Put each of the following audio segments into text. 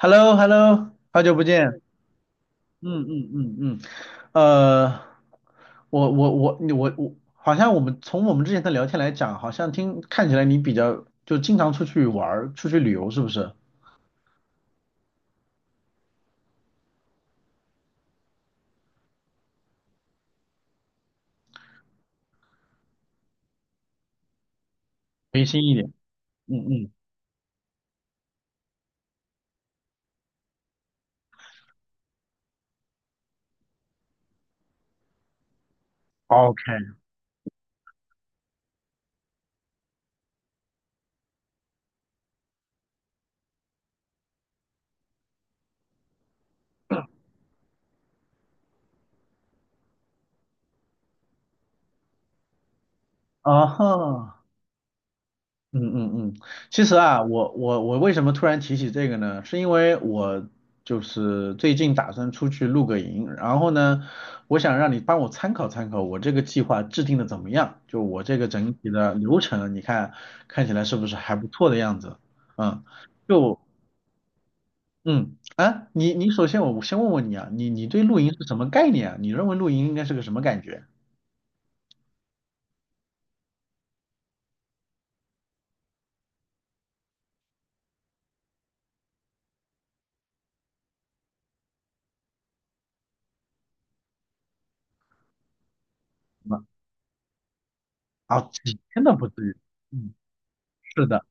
h e l l o h e l l o 好久不见。嗯嗯嗯嗯，呃，我我我你我我，好像我们之前的聊天来讲，好像看起来你比较就经常出去玩儿，出去旅游，是不是？随心一点。嗯嗯，OK。啊哈，嗯嗯嗯，其实啊，我为什么突然提起这个呢？是因为我就是最近打算出去露个营，然后呢，我想让你帮我参考参考我这个计划制定的怎么样，就我这个整体的流程，你看看起来是不是还不错的样子？嗯，就嗯啊，你首先我先问问你啊，你对露营是什么概念啊？你认为露营应该是个什么感觉？啊，几天都不至于。嗯，是的。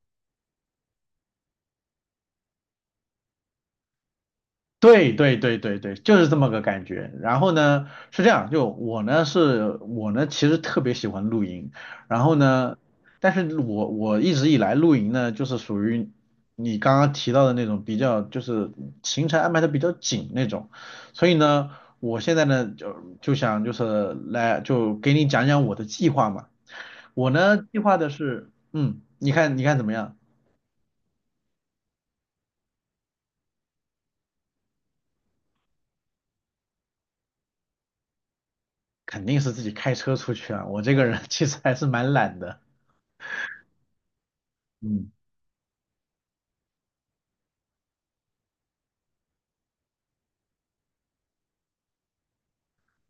对对对对对，就是这么个感觉。然后呢，是这样，就我呢是，我呢其实特别喜欢露营，然后呢，但是我一直以来露营呢，就是属于你刚刚提到的那种比较，就是行程安排的比较紧那种，所以呢，我现在呢就想就是来就给你讲讲我的计划嘛。我呢计划的是，嗯，你看你看怎么样？肯定是自己开车出去啊，我这个人 其实还是蛮懒的。嗯。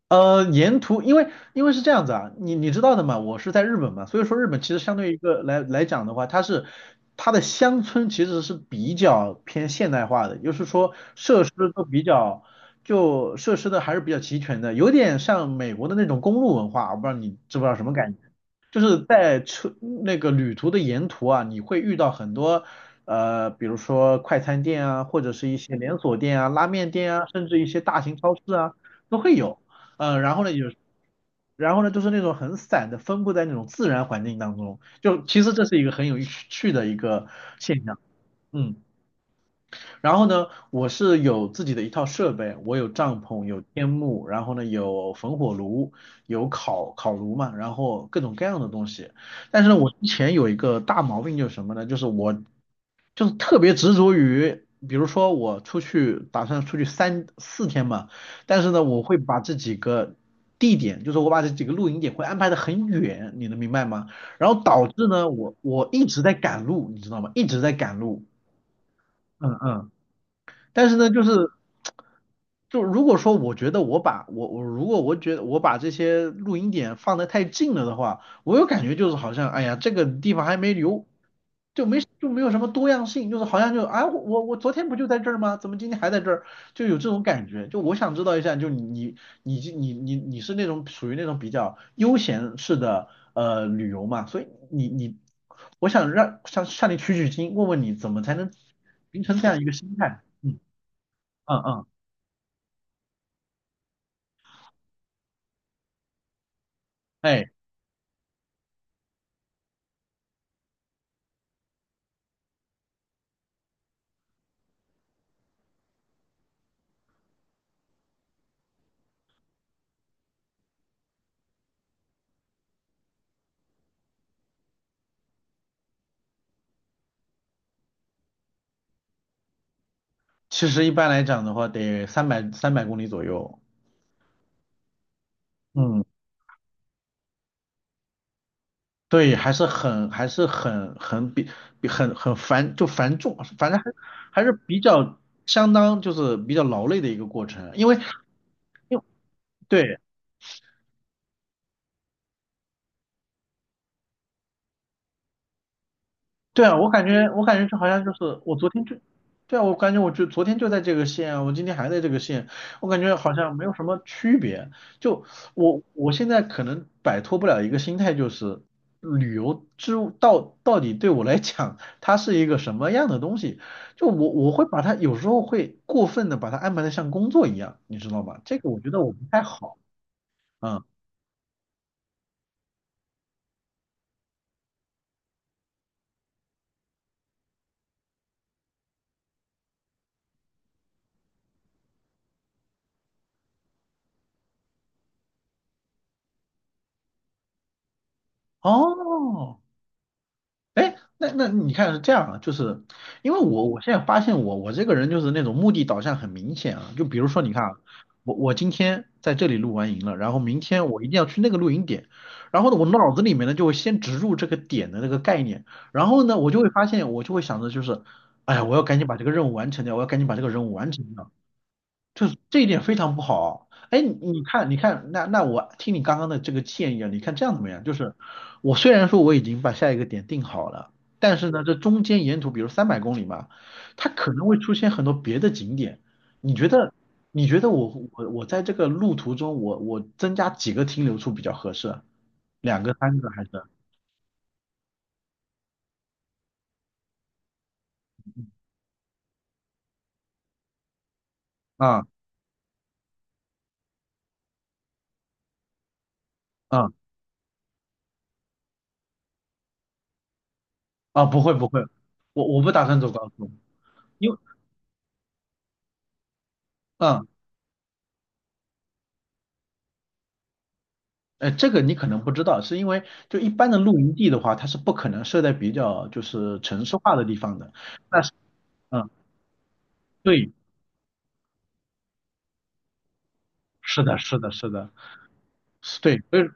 沿途因为是这样子啊，你知道的嘛，我是在日本嘛，所以说日本其实相对于一个来来讲的话，它的乡村其实是比较偏现代化的，也就是说设施的还是比较齐全的，有点像美国的那种公路文化，我不知道你知不知道什么感觉，就是在车那个旅途的沿途啊，你会遇到很多比如说快餐店啊，或者是一些连锁店啊、拉面店啊，甚至一些大型超市啊。都会有。嗯，然后呢有，然后呢就是那种很散的，分布在那种自然环境当中，就其实这是一个很有趣的一个现象。嗯。然后呢，我是有自己的一套设备，我有帐篷，有天幕，然后呢有焚火炉，有烤烤炉嘛，然后各种各样的东西。但是呢，我之前有一个大毛病就是什么呢？就是我就是特别执着于，比如说我打算出去三四天嘛，但是呢，我会把这几个地点，就是我把这几个露营点会安排的很远，你能明白吗？然后导致呢，我一直在赶路，你知道吗？一直在赶路。嗯嗯。但是呢，就是就如果说我觉得我把我我如果我觉得我把这些录音点放得太近了的话，我有感觉就是好像哎呀这个地方还没留，就没有什么多样性，就是好像我昨天不就在这儿吗？怎么今天还在这儿？就有这种感觉。就我想知道一下，就你是那种属于那种比较悠闲式的旅游嘛，所以我想让向你取取经，问问你怎么才能形成这样一个心态。嗯嗯嗯，哎。其实一般来讲的话，得三百公里左右。嗯，对，还是很还是很很比比很很繁就繁重，反正还是比较相当就是比较劳累的一个过程，因为对对啊，我感觉就好像就是我昨天就，对啊，我感觉我就昨天就在这个县，我今天还在这个县，我感觉好像没有什么区别。就我现在可能摆脱不了一个心态，就是旅游之到到底对我来讲，它是一个什么样的东西？就我会把它有时候会过分的把它安排的像工作一样，你知道吗？这个我觉得我不太好。嗯，哦，哎，那你看是这样啊，就是因为我现在发现我这个人就是那种目的导向很明显啊，就比如说你看啊，我今天在这里露完营了，然后明天我一定要去那个露营点，然后呢我脑子里面呢就会先植入这个点的那个概念，然后呢我就会发现我就会想着就是，哎呀我要赶紧把这个任务完成掉，我要赶紧把这个任务完成掉，就是这一点非常不好啊。哎，你看，你看，那我听你刚刚的这个建议啊，你看这样怎么样？就是我虽然说我已经把下一个点定好了，但是呢，这中间沿途，比如三百公里嘛，它可能会出现很多别的景点。你觉得，我在这个路途中，我增加几个停留处比较合适啊？2个、3个还是？啊啊啊！不会不会，我不打算走高速，因为嗯这个你可能不知道，是因为就一般的露营地的话，它是不可能设在比较就是城市化的地方的。但是，嗯，对，是的，是的，是的，是对，所以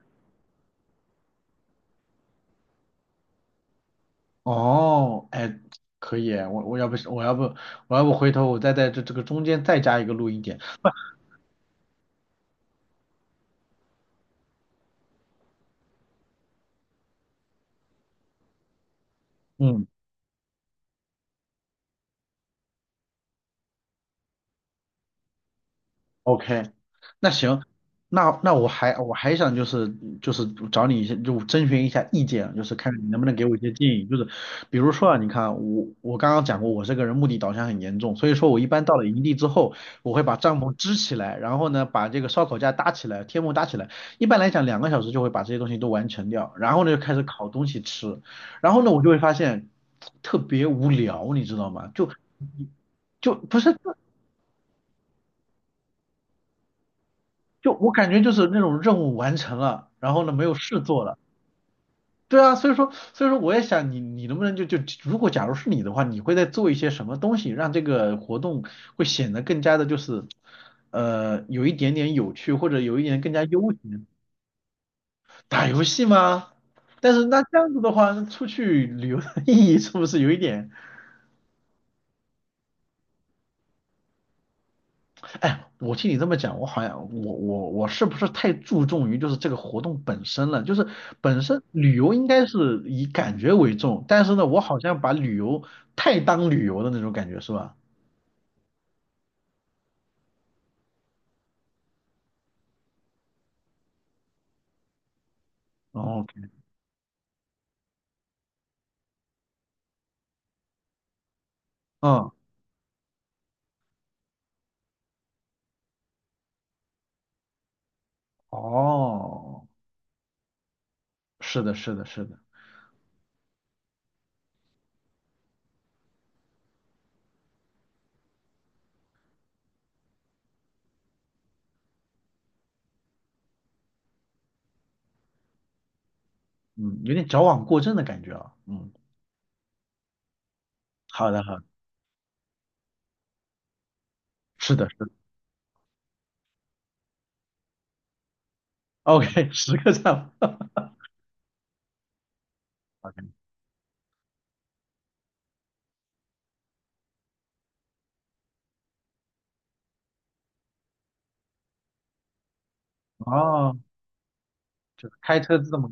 哦，哎，可以，我要不回头我再在这个中间再加一个露营点，嗯。OK，那行，那我还想就是找你一些就征询一下意见，就是看你能不能给我一些建议。就是比如说啊，你看我刚刚讲过，我这个人目的导向很严重，所以说我一般到了营地之后，我会把帐篷支起来，然后呢把这个烧烤架搭起来，天幕搭起来。一般来讲，2个小时就会把这些东西都完成掉，然后呢就开始烤东西吃，然后呢我就会发现特别无聊，你知道吗？就不是。就我感觉就是那种任务完成了，然后呢没有事做了。对啊，所以说我也想你能不能就如果假如是你的话，你会在做一些什么东西，让这个活动会显得更加的就是有一点点有趣，或者有一点更加悠闲。打游戏吗？但是那这样子的话，出去旅游的意义是不是有一点哎，我听你这么讲，我好像我我我是不是太注重于就是这个活动本身了？就是本身旅游应该是以感觉为重，但是呢，我好像把旅游太当旅游的那种感觉是吧？哦，嗯，哦，是的，是的，是的，嗯，有点矫枉过正的感觉啊。嗯，好的，好的，是的，是的，OK，10个赞。o k 哦，就是开车这么。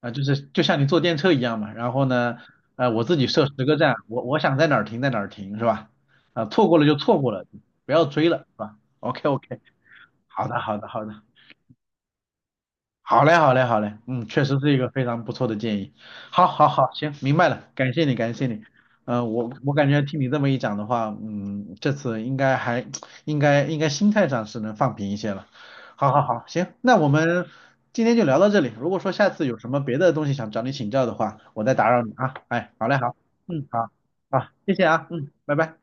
啊，就是就像你坐电车一样嘛。然后呢，我自己设10个站，我想在哪儿停在哪儿停，是吧？啊，错过了就错过了，不要追了，是吧？OK OK，好的好的好的。好嘞，好嘞，好嘞，嗯，确实是一个非常不错的建议。好，好，好，行，明白了，感谢你，感谢你。嗯、我感觉听你这么一讲的话，嗯，这次还应该心态上是能放平一些了。好，好，好，行，那我们今天就聊到这里。如果说下次有什么别的东西想找你请教的话，我再打扰你啊。哎，好嘞，好，嗯，好，好，谢谢啊，嗯，拜拜。